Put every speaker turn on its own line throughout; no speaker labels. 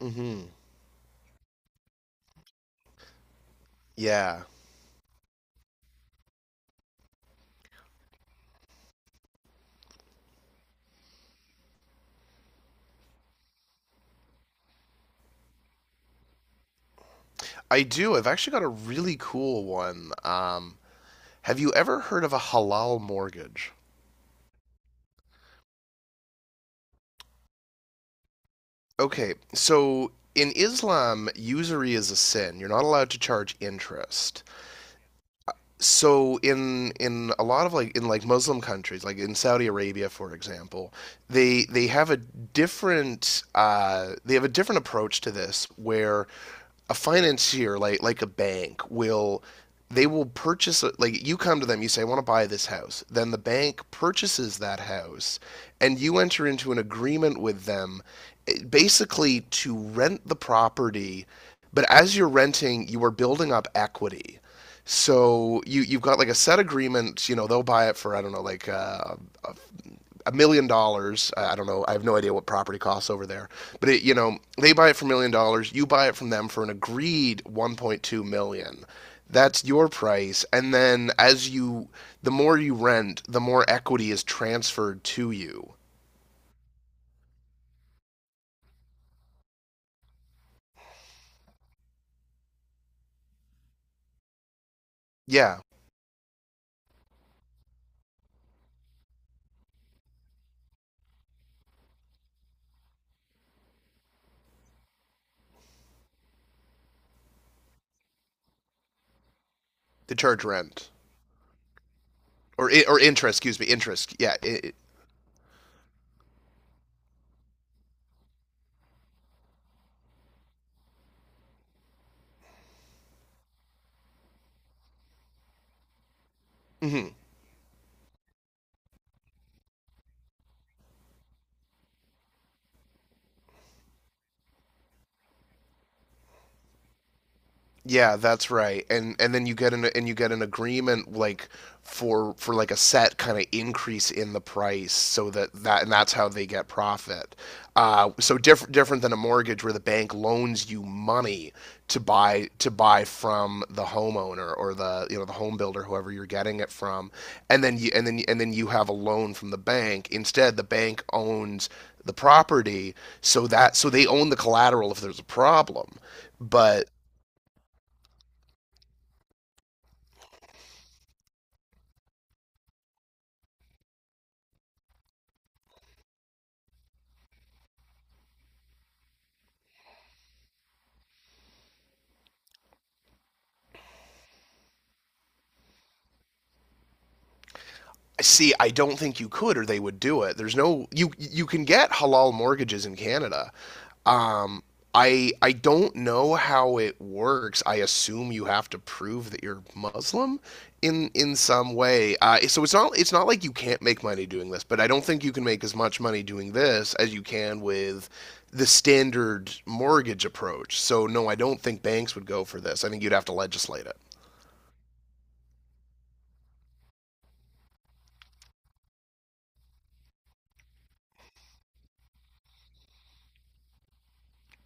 hmm Yeah, I do. I've actually got a really cool one. Have you ever heard of a halal mortgage? Okay, so in Islam, usury is a sin. You're not allowed to charge interest. So in a lot of like in Muslim countries, like in Saudi Arabia, for example, they have a different they have a different approach to this where a financier like a bank will they will like you come to them, you say I want to buy this house, then the bank purchases that house and you enter into an agreement with them, basically to rent the property, but as you're renting you are building up equity. So you you've got like a set agreement, you know, they'll buy it for, I don't know, like $1 million. I don't know. I have no idea what property costs over there. But it, you know, they buy it for $1 million. You buy it from them for an agreed 1.2 million. Dollars. That's your price. And then as you, The more you rent, the more equity is transferred to you. Yeah, they charge rent or interest. Excuse me, interest. Yeah. It, hmm yeah, that's right. And then you get an and you get an agreement like for like a set kind of increase in the price so that that and that's how they get profit. So different than a mortgage where the bank loans you money to buy from the homeowner or the, you know, the home builder, whoever you're getting it from, and then you have a loan from the bank. Instead the bank owns the property, so that so they own the collateral if there's a problem, but See, I don't think you could, or they would do it. There's no you. You can get halal mortgages in Canada. Um, I don't know how it works. I assume you have to prove that you're Muslim in some way. So it's not like you can't make money doing this, but I don't think you can make as much money doing this as you can with the standard mortgage approach. So no, I don't think banks would go for this. I think you'd have to legislate it.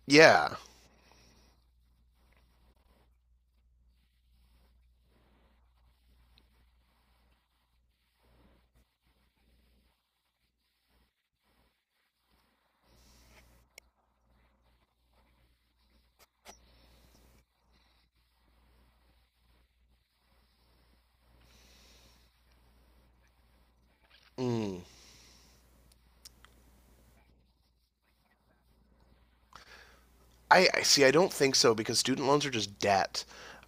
Yeah. Mm. I see. I don't think so, because student loans are just debt,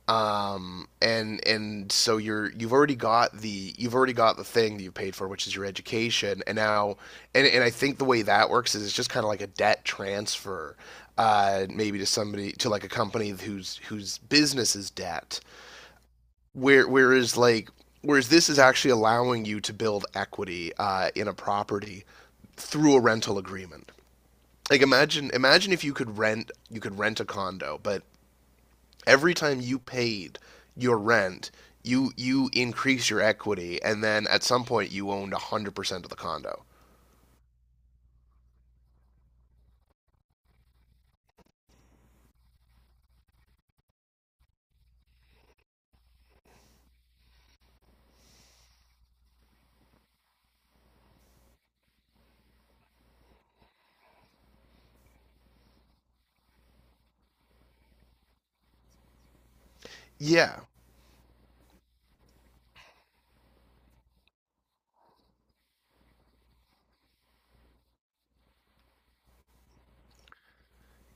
and so you're you've already got the you've already got the thing that you paid for, which is your education. And now and I think the way that works is it's just kind of like a debt transfer, maybe to somebody, to like a company whose whose business is debt. Whereas like whereas this is actually allowing you to build equity in a property through a rental agreement. Like imagine if you could rent, you could rent a condo, but every time you paid your rent, you increase your equity, and then at some point you owned 100% of the condo. Yeah,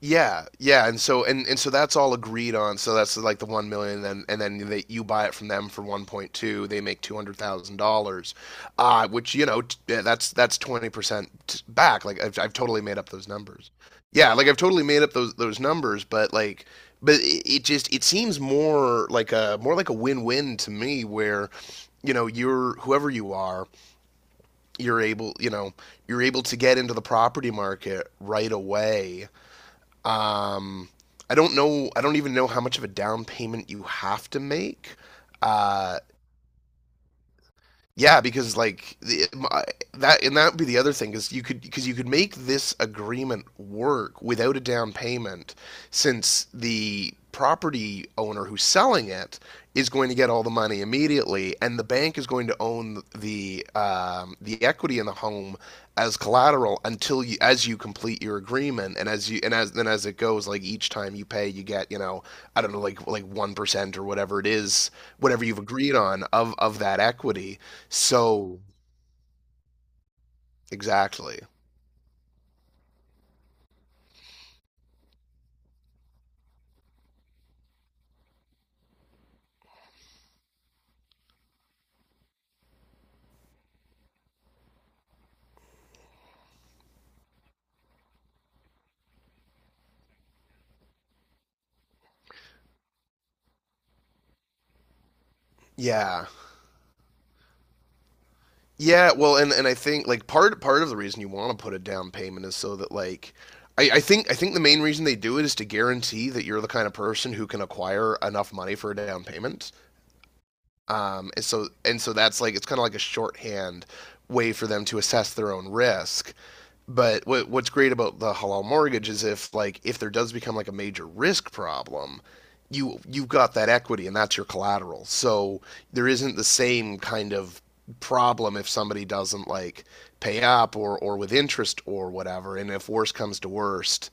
Yeah, and so and so that's all agreed on. So that's like the 1 million, and then they, you buy it from them for 1.2. They make $200,000, which, you know, yeah, that's 20% back. Like I've totally made up those numbers. Yeah, like I've totally made up those numbers, but like but it just it seems more like a win win to me where, you know, you're whoever you are, you're able, you know, you're able to get into the property market right away. Um, I don't know. I don't even know how much of a down payment you have to make. Uh, yeah, because like the, my, that, and that would be the other thing is, you could because you could make this agreement work without a down payment, since the property owner who's selling it is going to get all the money immediately, and the bank is going to own the equity in the home as collateral until you as you complete your agreement, and as you and as then as it goes, like each time you pay, you get, you know, I don't know, like 1% or whatever it is, whatever you've agreed on of that equity, so exactly. Yeah. Yeah, well and I think like part of the reason you want to put a down payment is so that like I think I think the main reason they do it is to guarantee that you're the kind of person who can acquire enough money for a down payment. And so that's like it's kind of like a shorthand way for them to assess their own risk. But what's great about the halal mortgage is, if like if there does become like a major risk problem, you you've got that equity and that's your collateral. So there isn't the same kind of problem if somebody doesn't like pay up or with interest or whatever, and if worst comes to worst,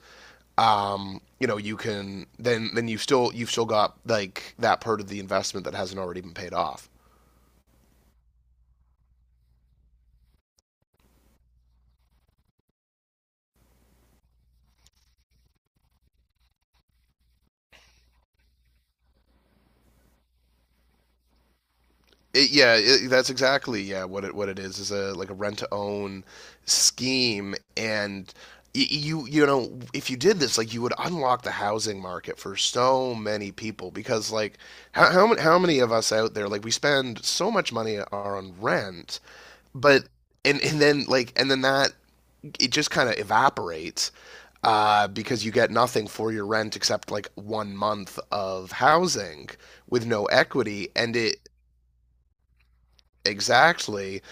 um, you know, you can then you've still got like that part of the investment that hasn't already been paid off. It, yeah, it, that's exactly yeah what it is a like a rent to own scheme, and you you know, if you did this like you would unlock the housing market for so many people because like how, how many of us out there, like we spend so much money on rent, but and then like and then that it just kind of evaporates, because you get nothing for your rent except like 1 month of housing with no equity, and it exactly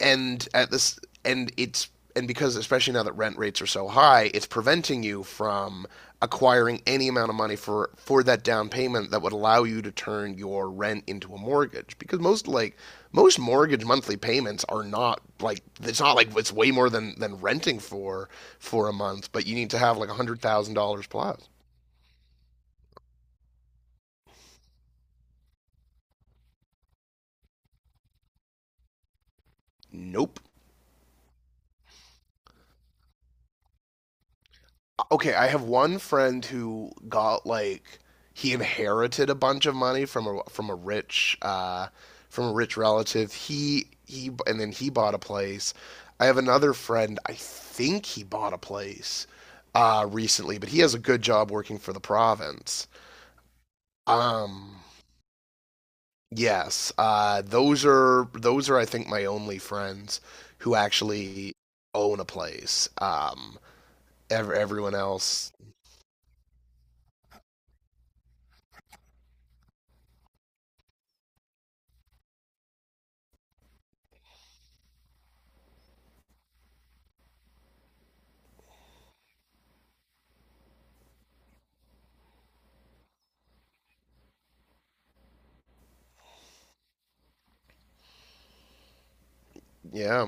and at this and it's and because especially now that rent rates are so high, it's preventing you from acquiring any amount of money for that down payment that would allow you to turn your rent into a mortgage, because most like most mortgage monthly payments are not like, it's not like it's way more than renting for a month, but you need to have like $100,000 plus nope okay, I have one friend who got like he inherited a bunch of money from a rich relative. He and then he bought a place. I have another friend. I think he bought a place recently, but he has a good job working for the province. Um, yes, those are I think my only friends who actually own a place. Everyone else, yeah.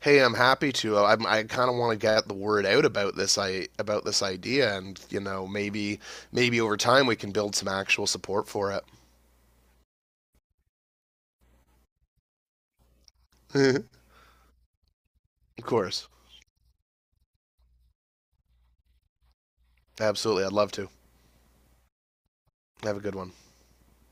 Hey, I'm happy to. I'm, I kind of want to get the word out about this, I about this idea, and, you know, maybe over time we can build some actual support for it. Of course, absolutely, I'd love to. Have a good one.